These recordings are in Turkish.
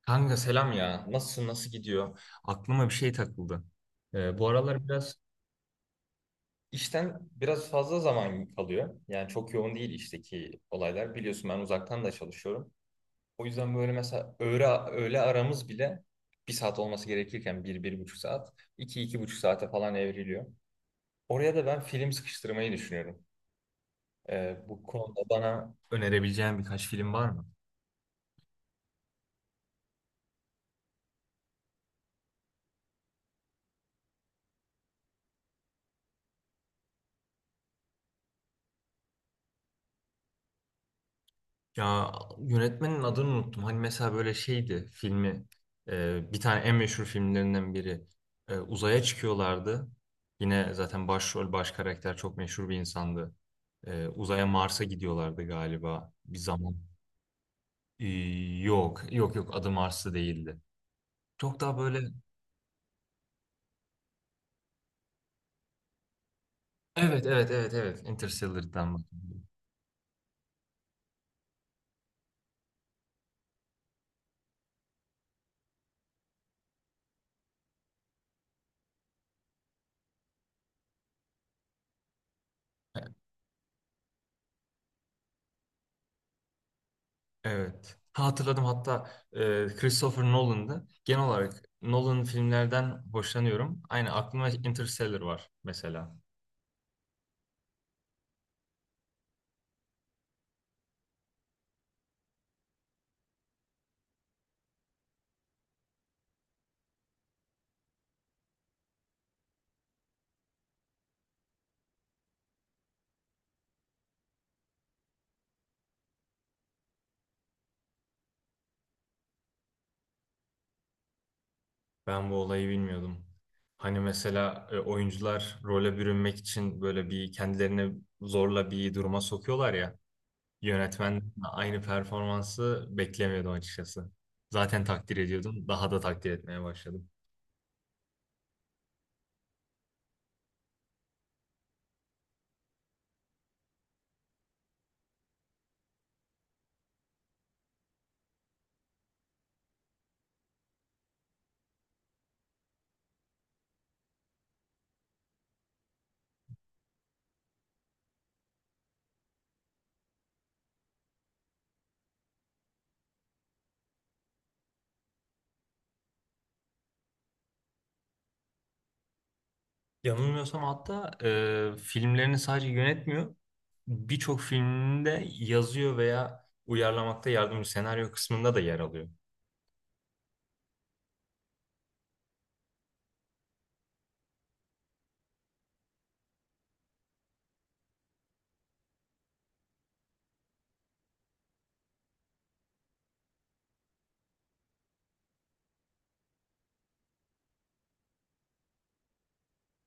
Kanka selam ya. Nasılsın? Nasıl gidiyor? Aklıma bir şey takıldı. Bu aralar biraz işten biraz fazla zaman kalıyor. Yani çok yoğun değil işteki olaylar. Biliyorsun ben uzaktan da çalışıyorum. O yüzden böyle mesela öğle aramız bile bir saat olması gerekirken bir buçuk saat, iki buçuk saate falan evriliyor. Oraya da ben film sıkıştırmayı düşünüyorum. Bu konuda bana önerebileceğin birkaç film var mı? Ya yönetmenin adını unuttum. Hani mesela böyle şeydi filmi bir tane en meşhur filmlerinden biri. Uzaya çıkıyorlardı. Yine zaten başrol baş karakter çok meşhur bir insandı. Uzaya Mars'a gidiyorlardı galiba bir zaman. E, Yok yok yok, adı Mars'ta değildi. Çok daha böyle, evet evet evet evet Interstellar'dan. Evet. Ha, hatırladım hatta, Christopher Nolan'dı. Genel olarak Nolan filmlerden hoşlanıyorum. Aynı aklıma Interstellar var mesela. Ben bu olayı bilmiyordum. Hani mesela oyuncular role bürünmek için böyle bir kendilerini zorla bir duruma sokuyorlar ya. Yönetmen de aynı performansı beklemiyordum açıkçası. Zaten takdir ediyordum. Daha da takdir etmeye başladım. Yanılmıyorsam hatta filmlerini sadece yönetmiyor. Birçok filminde yazıyor veya uyarlamakta yardımcı senaryo kısmında da yer alıyor.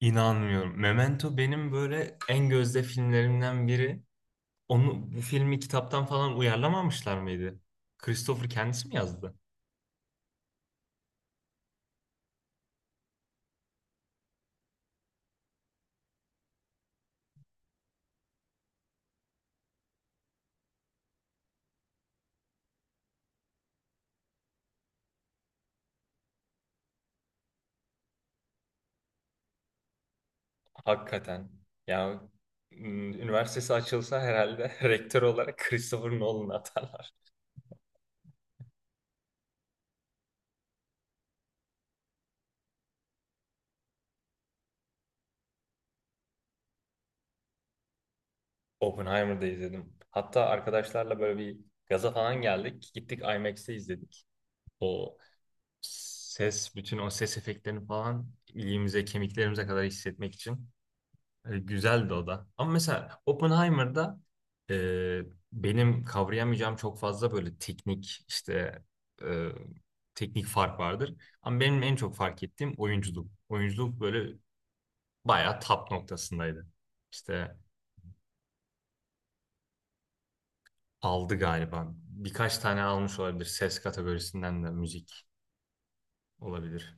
İnanmıyorum. Memento benim böyle en gözde filmlerimden biri. Onu bu filmi kitaptan falan uyarlamamışlar mıydı? Christopher kendisi mi yazdı? Hakikaten. Ya m, üniversitesi açılsa herhalde rektör olarak Christopher Nolan atarlar. Oppenheimer'da izledim. Hatta arkadaşlarla böyle bir gaza falan geldik. Gittik IMAX'te izledik. O ses, bütün o ses efektlerini falan iliğimize, kemiklerimize kadar hissetmek için. Güzeldi o da. Ama mesela Oppenheimer'da e, benim kavrayamayacağım çok fazla böyle teknik işte e, teknik fark vardır. Ama benim en çok fark ettiğim oyunculuk. Oyunculuk böyle bayağı top noktasındaydı. İşte aldı galiba. Birkaç tane almış olabilir. Ses kategorisinden de müzik olabilir.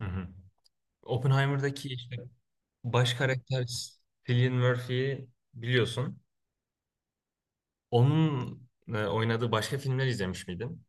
Hı hı. Oppenheimer'daki işte baş karakter Cillian Murphy'yi biliyorsun. Onun oynadığı başka filmler izlemiş miydin?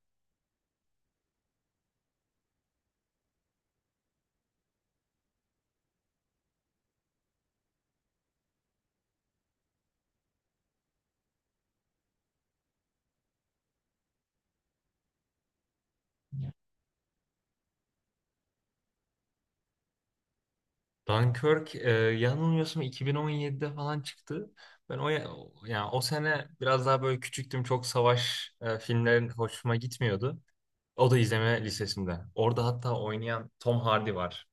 Dunkirk yanılmıyorsam 2017'de falan çıktı. Ben yani o sene biraz daha böyle küçüktüm. Çok savaş filmlerin hoşuma gitmiyordu. O da izleme listesinde. Orada hatta oynayan Tom Hardy var.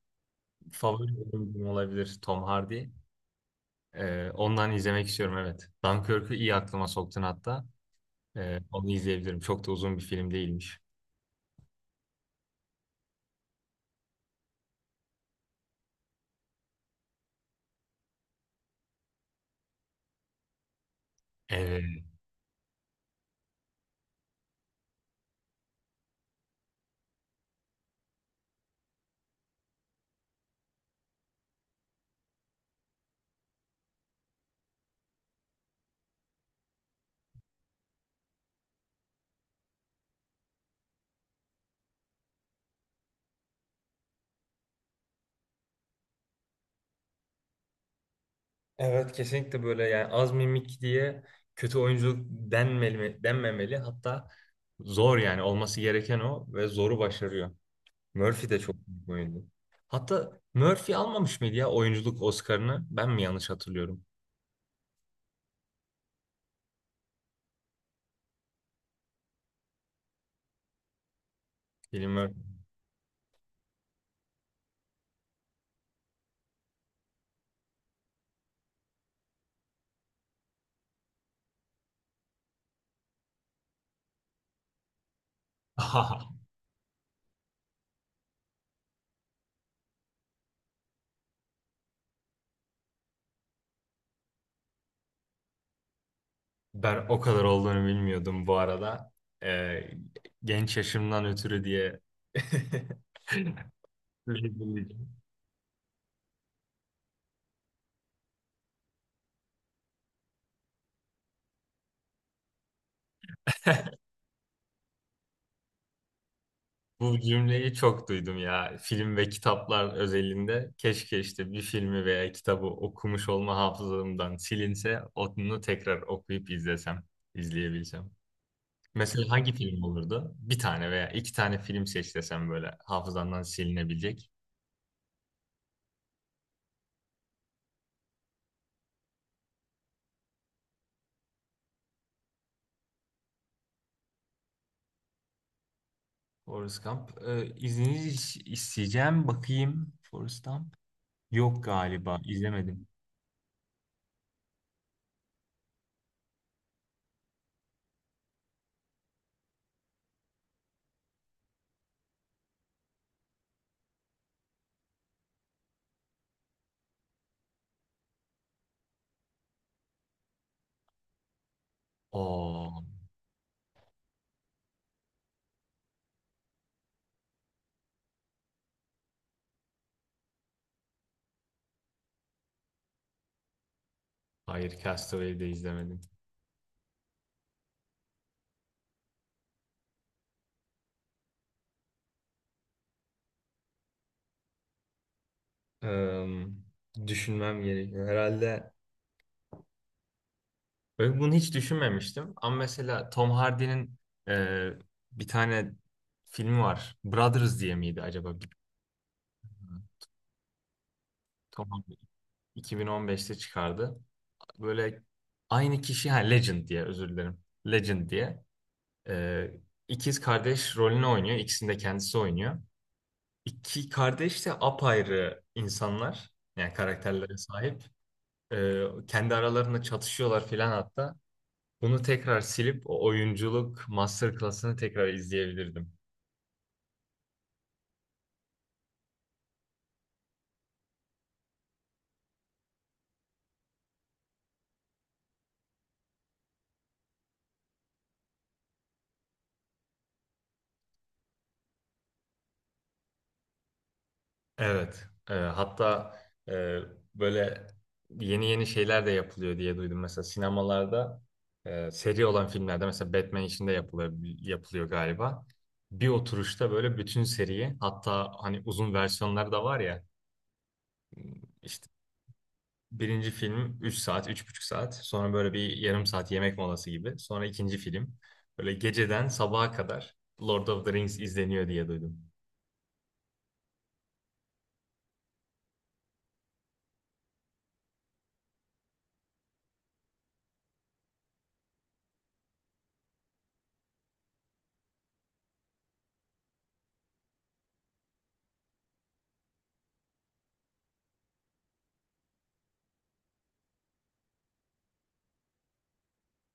Favori oyuncum olabilir Tom Hardy. Ondan izlemek istiyorum evet. Dunkirk'ü iyi aklıma soktun hatta. Onu izleyebilirim. Çok da uzun bir film değilmiş. Ee, evet, kesinlikle böyle, yani az mimik diye kötü oyunculuk denmeli, denmemeli. Hatta zor, yani olması gereken o ve zoru başarıyor. Murphy de çok büyük bir oyuncu. Hatta Murphy almamış mıydı ya oyunculuk Oscar'ını? Ben mi yanlış hatırlıyorum? Bilim Murphy. Ben o kadar olduğunu bilmiyordum bu arada. Ee, Genç yaşımdan ötürü diye bu cümleyi çok duydum ya. Film ve kitaplar özelinde. Keşke işte bir filmi veya kitabı okumuş olma hafızamdan silinse onu tekrar okuyup izlesem, izleyebilsem. Mesela hangi film olurdu? Bir tane veya iki tane film seç desem böyle hafızandan silinebilecek. Forrest Gump. İzninizi isteyeceğim. Bakayım Forrest Gump. Yok galiba izlemedim. Oo, hayır, Castaway'i de izlemedim. Eee, Düşünmem gerekiyor. Herhalde böyle bunu hiç düşünmemiştim. Ama mesela Tom Hardy'nin eee, bir tane filmi var. Brothers diye miydi acaba? Tom Hardy 2015'te çıkardı. Böyle aynı kişi, ha Legend diye, özür dilerim. Legend diye. Eee ikiz kardeş rolünü oynuyor. İkisini de kendisi oynuyor. İki kardeş de apayrı insanlar. Yani karakterlere sahip. Kendi aralarında çatışıyorlar filan hatta. Bunu tekrar silip o oyunculuk masterclass'ını tekrar izleyebilirdim. Evet. Hatta e, böyle yeni yeni şeyler de yapılıyor diye duydum. Mesela sinemalarda seri olan filmlerde mesela Batman için de yapılıyor, yapılıyor galiba. Bir oturuşta böyle bütün seriyi, hatta hani uzun versiyonları da var ya işte, birinci film 3 saat, üç buçuk saat. Sonra böyle bir yarım saat yemek molası gibi. Sonra ikinci film. Böyle geceden sabaha kadar Lord of the Rings izleniyor diye duydum.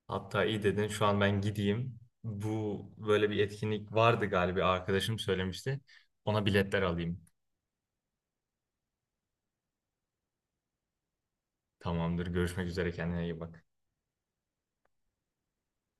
Hatta iyi dedin, şu an ben gideyim. Bu böyle bir etkinlik vardı galiba, arkadaşım söylemişti. Ona biletler alayım. Tamamdır, görüşmek üzere, kendine iyi bak.